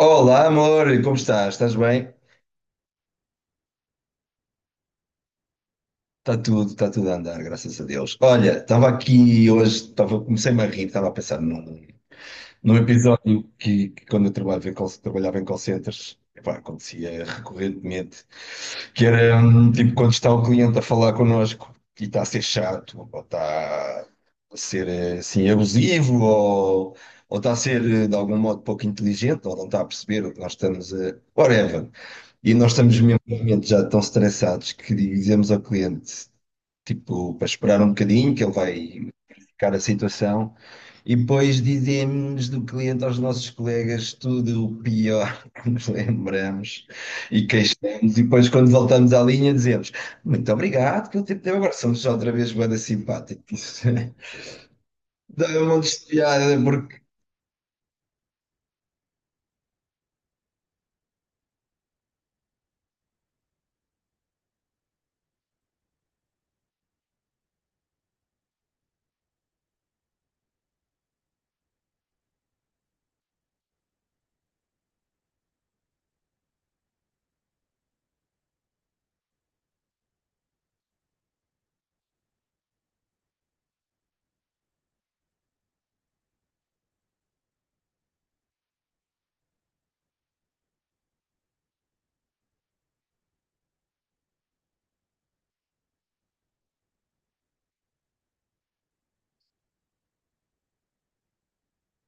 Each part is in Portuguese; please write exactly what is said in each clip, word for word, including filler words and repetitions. Olá, amor, como estás? Estás bem? Está tudo, está tudo a andar, graças a Deus. Olha, estava aqui hoje, estava, comecei-me a rir, estava a pensar num, num episódio que, que quando eu trabalhava em call, trabalhava em call centers, epá, acontecia recorrentemente, que era hum, tipo quando está o cliente a falar connosco e está a ser chato, ou está a ser eh, assim abusivo, ou, ou está a ser eh, de algum modo pouco inteligente, ou não está a perceber o que nós estamos a... Whatever. E nós estamos mesmo num momento já tão estressados que dizemos ao cliente, tipo, para esperar um bocadinho, que ele vai verificar a situação, e depois dizemos do cliente aos nossos colegas tudo o pior que nos lembramos e queixamos, e depois quando voltamos à linha dizemos muito obrigado, que o tempo deu agora somos outra vez banda simpática. Dá um monte de piada porque,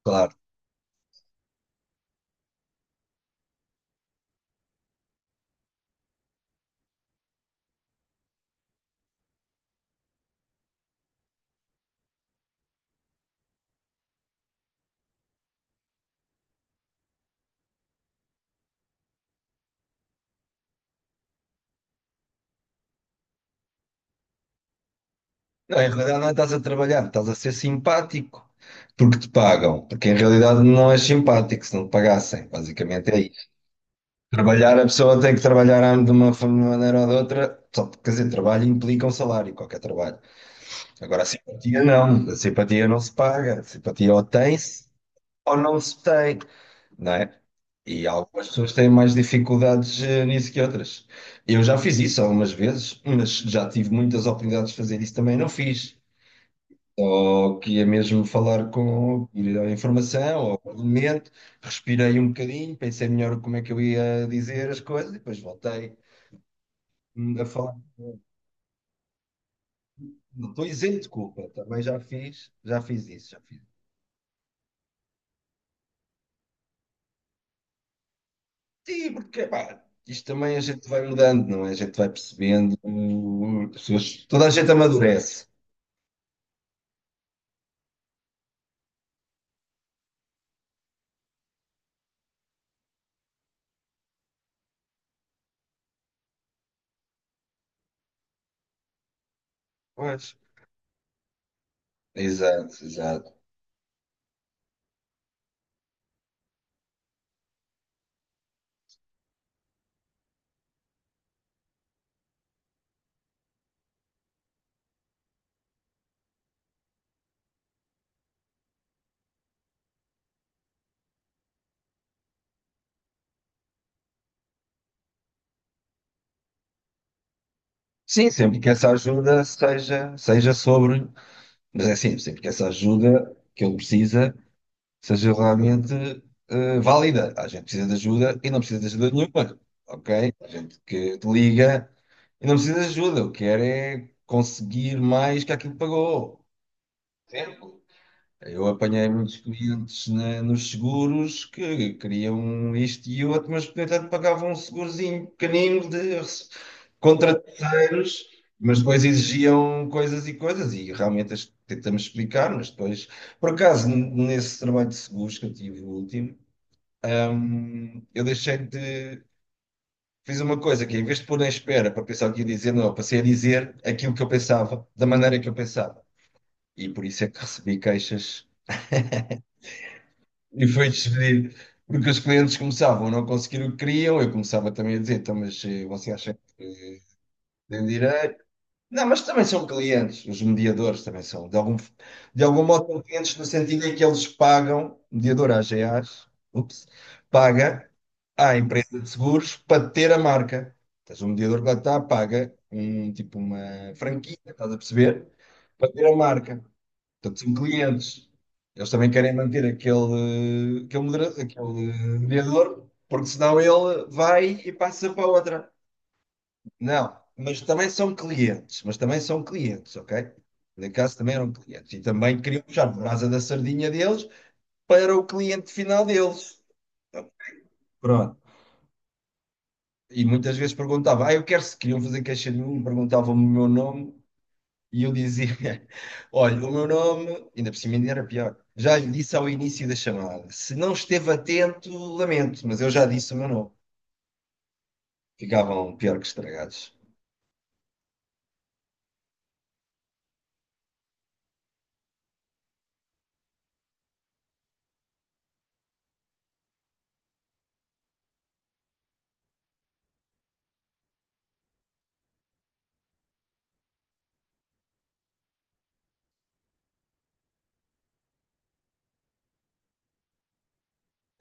claro. Não, em realidade não é estás a trabalhar, estás a ser simpático porque te pagam, porque em realidade não és simpático se não te pagassem, basicamente é isso. Trabalhar, a pessoa tem que trabalhar ah, de uma forma- maneira ou de outra, só porque, quer dizer, trabalho implica um salário, qualquer trabalho. Agora, a simpatia não, a simpatia não se paga, a simpatia ou tem-se ou não se tem, não é? E algumas pessoas têm mais dificuldades eh, nisso que outras. Eu já fiz isso algumas vezes, mas já tive muitas oportunidades de fazer isso também, não fiz. Ou que ia mesmo falar com, ir à informação, ao parlamento, respirei um bocadinho, pensei melhor como é que eu ia dizer as coisas e depois voltei hum, a falar. Não estou isento de culpa, também já fiz, já fiz isso, já fiz. Sim, porque pá, isto também a gente vai mudando, não é? A gente vai percebendo, hum, pessoas- toda a gente amadurece. Pois. Exato, exato. Sim, sempre que essa ajuda seja, seja sobre, mas é assim, sempre que essa ajuda que ele precisa seja realmente eh, válida. A gente precisa de ajuda e não precisa de ajuda nenhuma, ok? A gente que te liga e não precisa de ajuda, o que quer é conseguir mais que aquilo que pagou. Certo? Eu apanhei muitos clientes na- nos seguros que queriam isto e outro, mas, no entanto, pagavam um segurozinho pequenino de rece- contra terceiros, mas depois exigiam coisas e coisas, e realmente as tentamos explicar, mas depois, por acaso, n- nesse trabalho de seguros que eu tive o último, hum, eu deixei de. Fiz uma coisa que, em vez de pôr na espera para pensar o que ia dizer, não, eu passei a dizer aquilo que eu pensava, da maneira que eu pensava. E por isso é que recebi queixas. E foi despedido. Porque os clientes começavam a não conseguir o que queriam, eu começava também a dizer, então, mas eh, você acha que tem direito? Não, mas também são clientes, os mediadores também são. De algum, de algum modo são clientes no sentido em que eles pagam, o mediador AGAs, ups, paga à empresa de seguros para ter a marca. Estás o mediador que lá está, paga um, tipo uma franquia, estás a perceber? Para ter a marca. Portanto, são clientes. Eles também querem manter aquele, aquele, modera- aquele mediador, porque senão ele vai e passa para outra. Não, mas também são clientes, mas também são clientes, ok? Por acaso também eram clientes. E também queriam puxar a brasa da sardinha deles para o cliente final deles. Pronto. E muitas vezes perguntava, ah, eu quero se queriam fazer queixa de mim, perguntavam-me o meu nome. E eu dizia: Olha, o meu nome, ainda por cima ainda era pior, já lhe disse ao início da chamada. Se não esteve atento, lamento, mas eu já disse o meu nome. Ficavam pior que estragados.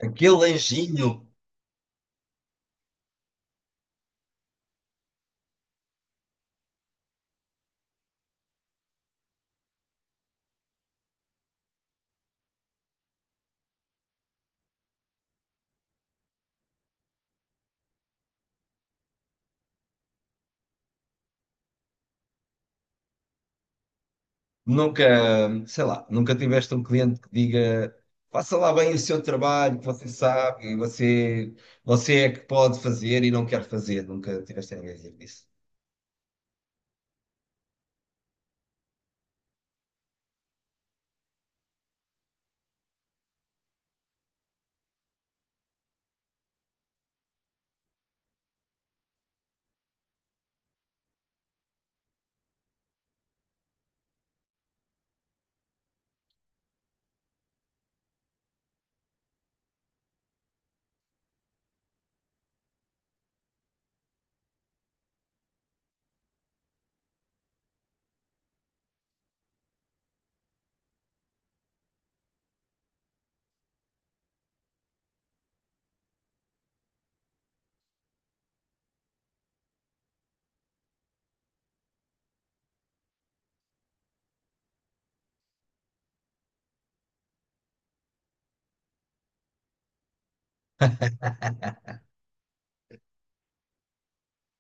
Aquele anjinho, nunca, sei lá, nunca tiveste um cliente que diga: faça lá bem o seu trabalho, que você sabe, e você, você é que pode fazer e não quer fazer. Nunca tiveste ninguém a dizer isso.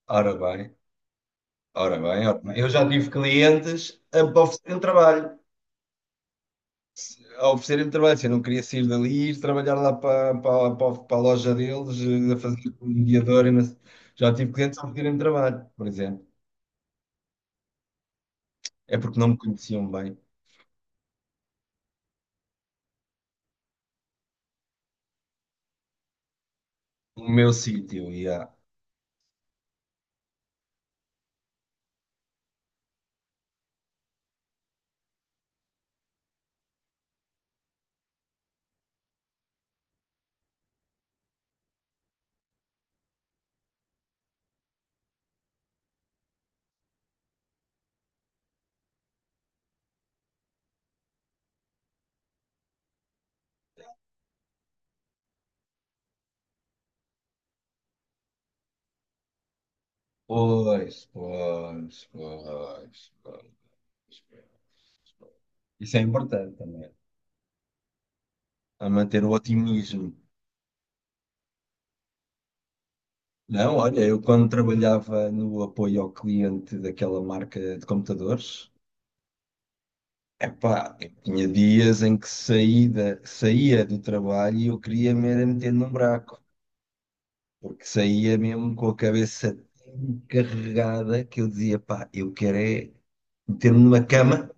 Ora bem, ora bem, ora bem. Eu já tive clientes a oferecer um trabalho. A oferecerem-me trabalho. Se eu não queria sair dali e ir trabalhar lá para, para, para, para a loja deles, eh, a fazer como mediador. E não sei. Já tive clientes a pedirem-me trabalho, por exemplo. É porque não me conheciam bem. O meu sítio, e há. Pois, pois, pois, pois, pois. Isso é importante também, a manter o otimismo. Não, olha, eu quando trabalhava no apoio ao cliente daquela marca de computadores, epá, eu tinha dias em que saída, saía do trabalho e eu queria me era meter num buraco, porque saía mesmo com a cabeça tão carregada que eu dizia, pá, eu quero é meter-me numa cama,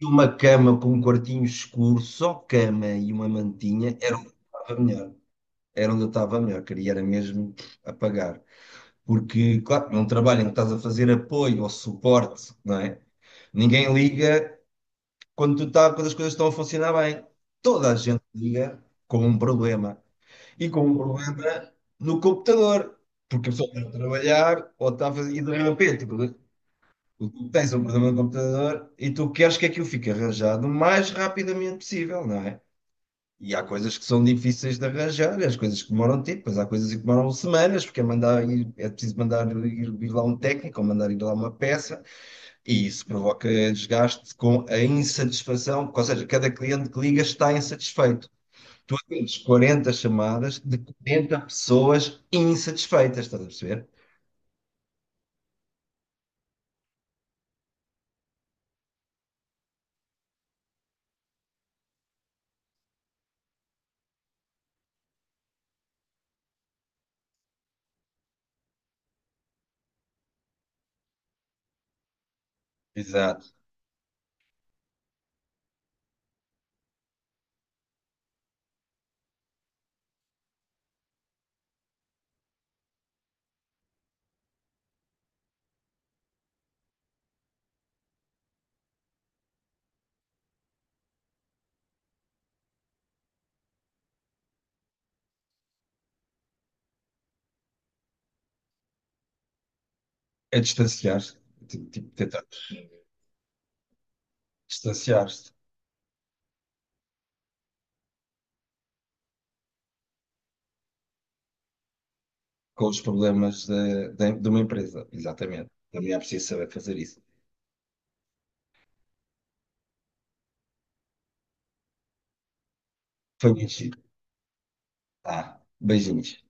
e uma cama com um quartinho escuro, só cama e uma mantinha, era onde eu estava melhor, era onde eu estava melhor, queria era mesmo apagar. Porque, claro, num trabalho em que estás a fazer apoio ou suporte, não é? Ninguém liga quando, tu tá, quando as coisas estão a funcionar bem. Toda a gente liga com um problema. E com um problema no computador. Porque a pessoa está a trabalhar ou está a fazer. E de repente, tipo, tu tens um problema no computador e tu queres que aquilo fique arranjado o mais rapidamente possível, não é? E há coisas que são difíceis de arranjar, as coisas que demoram tempo, mas há coisas que demoram semanas, porque é mandar ir, é preciso mandar ir, ir lá um técnico, ou mandar ir lá uma peça. E isso provoca desgaste com a insatisfação, ou seja, cada cliente que liga está insatisfeito. Tu atendes quarenta chamadas de quarenta pessoas insatisfeitas, estás a perceber? Exato. É distanciar-se, ti- tipo, tentar distanciar-se com os problemas de, de, de uma empresa. Exatamente. Também é preciso saber fazer isso. Foi muito giro. Tá. Beijinhos.